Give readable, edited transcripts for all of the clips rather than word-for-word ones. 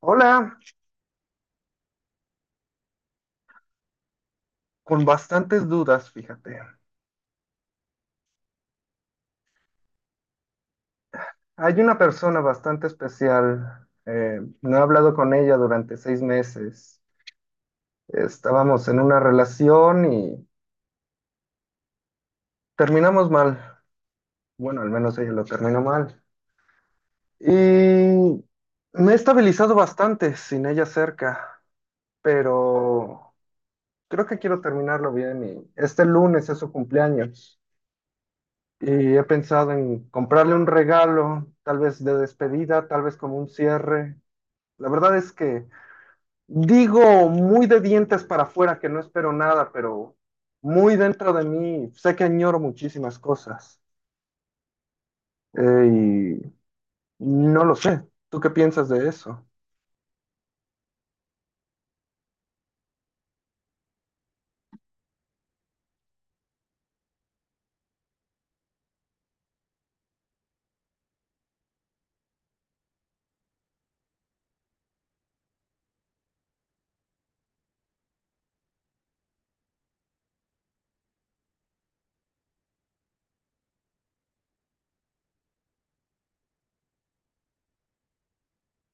Hola, con bastantes dudas, fíjate. Hay una persona bastante especial. No he hablado con ella durante 6 meses. Estábamos en una relación y terminamos mal. Bueno, al menos ella lo terminó mal. Y me he estabilizado bastante sin ella cerca, pero creo que quiero terminarlo bien y este lunes es su cumpleaños. Y he pensado en comprarle un regalo, tal vez de despedida, tal vez como un cierre. La verdad es que digo muy de dientes para afuera que no espero nada, pero muy dentro de mí sé que añoro muchísimas cosas. Eh, y no lo sé. ¿Tú qué piensas de eso?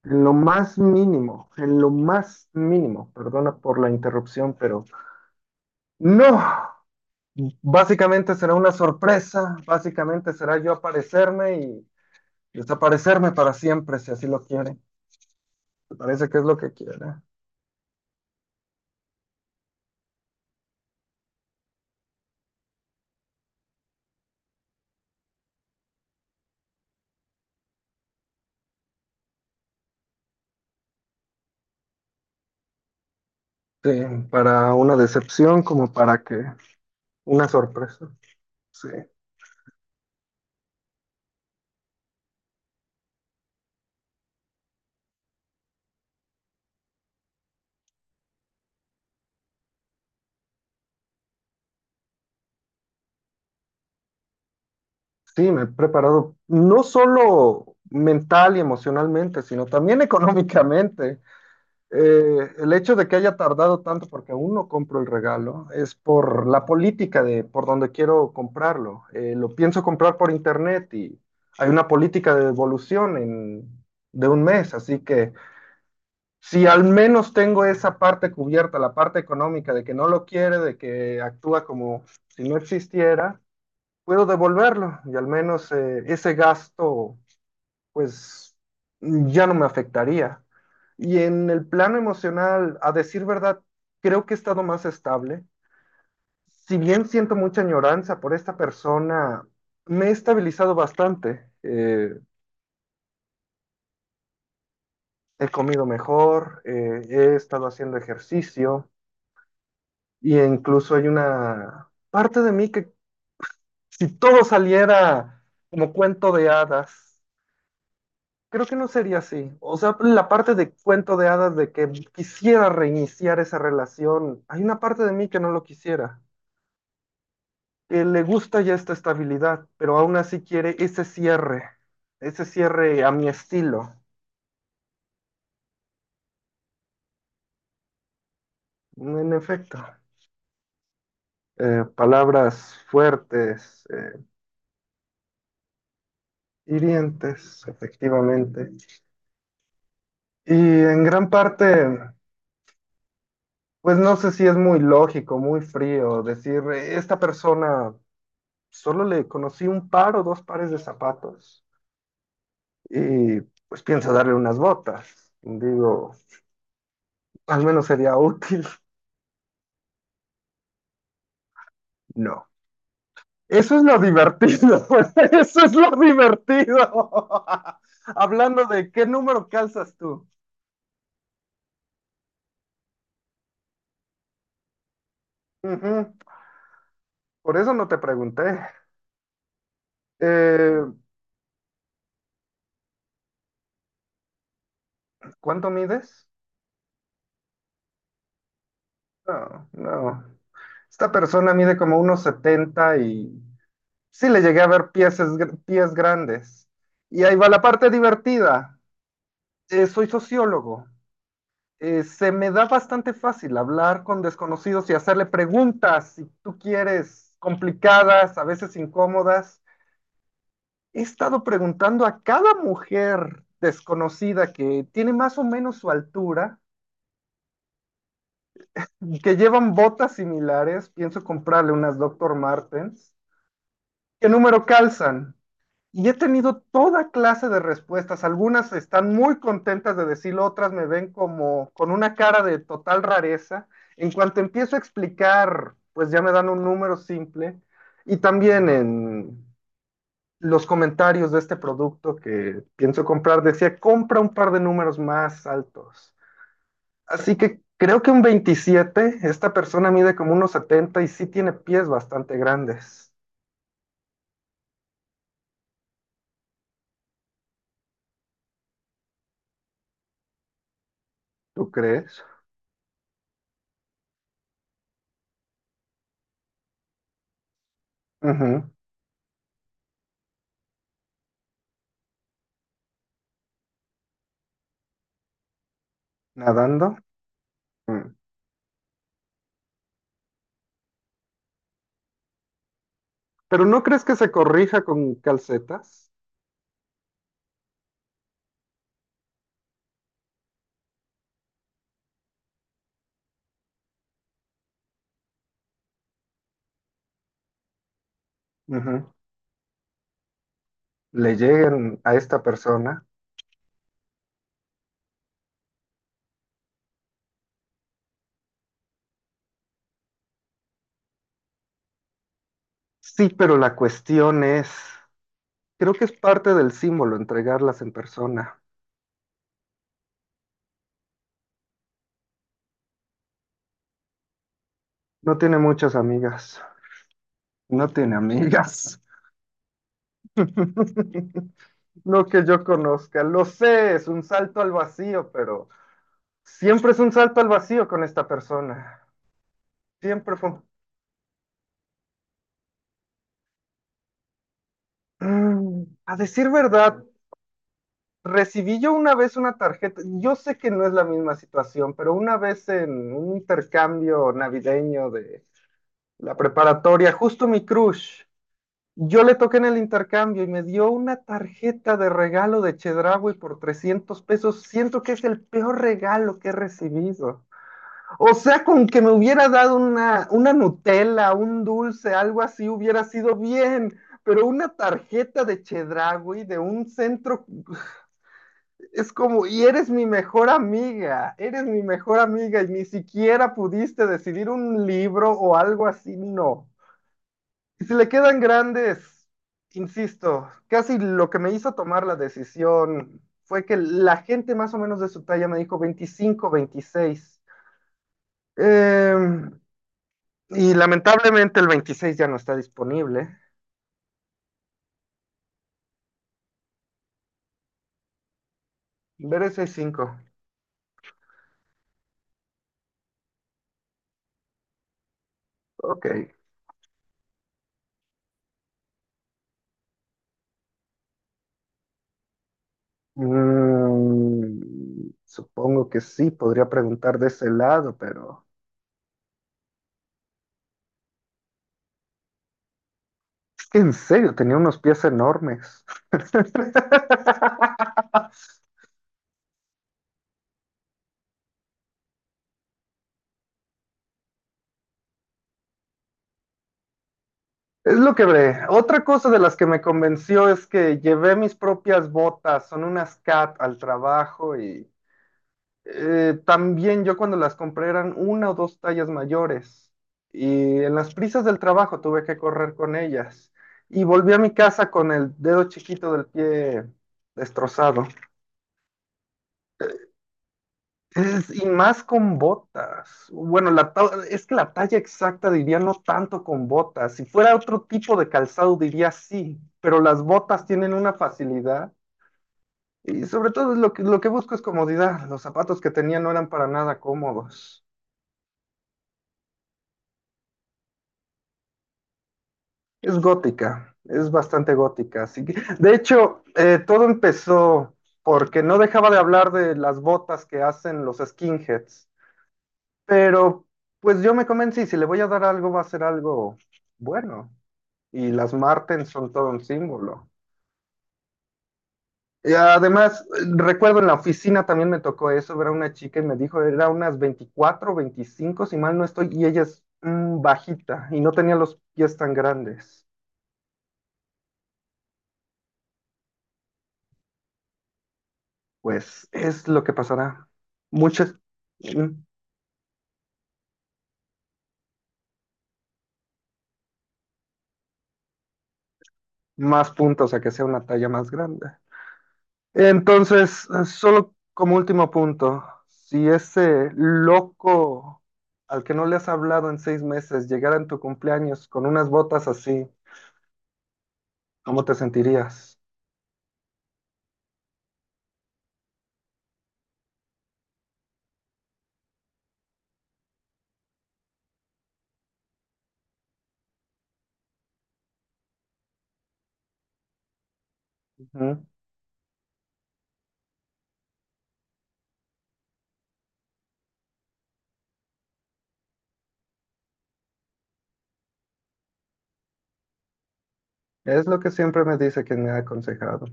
En lo más mínimo, en lo más mínimo, perdona por la interrupción, pero no. Básicamente será una sorpresa, básicamente será yo aparecerme y desaparecerme para siempre si así lo quiere. Me parece que es lo que quiere. Sí, para una decepción como para que una sorpresa. Sí, sí, me he preparado no solo mental y emocionalmente, sino también económicamente. El hecho de que haya tardado tanto porque aún no compro el regalo es por la política de por donde quiero comprarlo. Lo pienso comprar por internet y hay una política de devolución de un mes, así que si al menos tengo esa parte cubierta, la parte económica de que no lo quiere, de que actúa como si no existiera, puedo devolverlo y al menos ese gasto pues ya no me afectaría. Y en el plano emocional, a decir verdad, creo que he estado más estable. Si bien siento mucha añoranza por esta persona, me he estabilizado bastante. He comido mejor, he estado haciendo ejercicio. Y incluso hay una parte de mí que si todo saliera como cuento de hadas, creo que no sería así. O sea, la parte de cuento de hadas de que quisiera reiniciar esa relación, hay una parte de mí que no lo quisiera, que le gusta ya esta estabilidad, pero aún así quiere ese cierre a mi estilo. En efecto, palabras fuertes, hirientes, efectivamente. Y en gran parte... Pues no sé si es muy lógico, muy frío decir, Esta persona solo le conocí un par o dos pares de zapatos y pues pienso darle unas botas. Digo, al menos sería útil. No. Eso es lo divertido, eso es lo divertido. Hablando de qué número calzas tú. Ujú. Por eso no te pregunté. Eh, ¿Cuánto mides? No, no. Esta persona mide como unos 70 y sí, le llegué a ver pies, pies grandes. Y ahí va la parte divertida. Soy sociólogo. Se me da bastante fácil hablar con desconocidos y hacerle preguntas, si tú quieres, complicadas, a veces incómodas. He estado preguntando a cada mujer desconocida que tiene más o menos su altura, que llevan botas similares, pienso comprarle unas Dr. Martens, qué número calzan. Y he tenido toda clase de respuestas. Algunas están muy contentas de decirlo, otras me ven como con una cara de total rareza. En cuanto empiezo a explicar, pues ya me dan un número simple. Y también en los comentarios de este producto que pienso comprar, decía, compra un par de números más altos. Así que creo que un 27. Esta persona mide como unos 70 y sí tiene pies bastante grandes. ¿Tú crees? Ujú. Nadando. Mm. Pero ¿no crees que se corrija con calcetas? Ujú. Le lleguen a esta persona. Sí, pero la cuestión es, creo que es parte del símbolo entregarlas en persona. No tiene muchas amigas. No tiene amigas. No que yo conozca, lo sé, es un salto al vacío, pero siempre es un salto al vacío con esta persona. Siempre fue... Mm, a decir verdad, recibí yo una vez una tarjeta, yo sé que no es la misma situación, pero una vez en un intercambio navideño de la preparatoria, justo mi crush, yo le toqué en el intercambio y me dio una tarjeta de regalo de Chedraui por 300 pesos. Siento que es el peor regalo que he recibido. O sea, con que me hubiera dado una Nutella, un dulce, algo así, hubiera sido bien. Pero una tarjeta de Chedraui de un centro es como, y eres mi mejor amiga, eres mi mejor amiga y ni siquiera pudiste decidir un libro o algo así, no. Y si le quedan grandes, insisto, casi lo que me hizo tomar la decisión fue que la gente más o menos de su talla me dijo 25, 26. Eh, y lamentablemente el 26 ya no está disponible. Veré 65. Ok. Supongo que sí, podría preguntar de ese lado, pero es que en serio, tenía unos pies enormes. Es lo que ve. Otra cosa de las que me convenció es que llevé mis propias botas, son unas cat al trabajo y también yo cuando las compré eran una o dos tallas mayores y en las prisas del trabajo tuve que correr con ellas y volví a mi casa con el dedo chiquito del pie destrozado. Y más con botas. Bueno, es que la talla exacta diría no tanto con botas. Si fuera otro tipo de calzado diría sí, pero las botas tienen una facilidad y sobre todo lo que busco es comodidad. Los zapatos que tenía no eran para nada cómodos. Es gótica, es bastante gótica. Así que, de hecho, todo empezó porque no dejaba de hablar de las botas que hacen los skinheads. Pero pues yo me convencí, si le voy a dar algo, va a ser algo bueno. Y las Martens son todo un símbolo. Y además, recuerdo en la oficina también me tocó eso, ver a una chica y me dijo, era unas 24, 25. Si mal no estoy, y ella es bajita y no tenía los pies tan grandes. Pues es lo que pasará. Muchas mm, Más puntos a que sea una talla más grande. Entonces, solo como último punto, si ese loco al que no le has hablado en 6 meses llegara en tu cumpleaños con unas botas así, ¿cómo te sentirías? Ujú. Es lo que siempre me dice quien me ha aconsejado.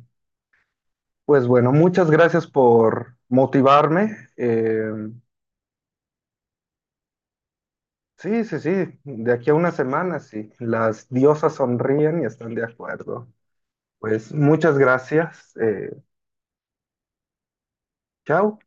Pues bueno, muchas gracias por motivarme. Sí, sí, sí, de aquí a una semana, sí. Las diosas sonríen y están de acuerdo. Pues muchas gracias. Chao.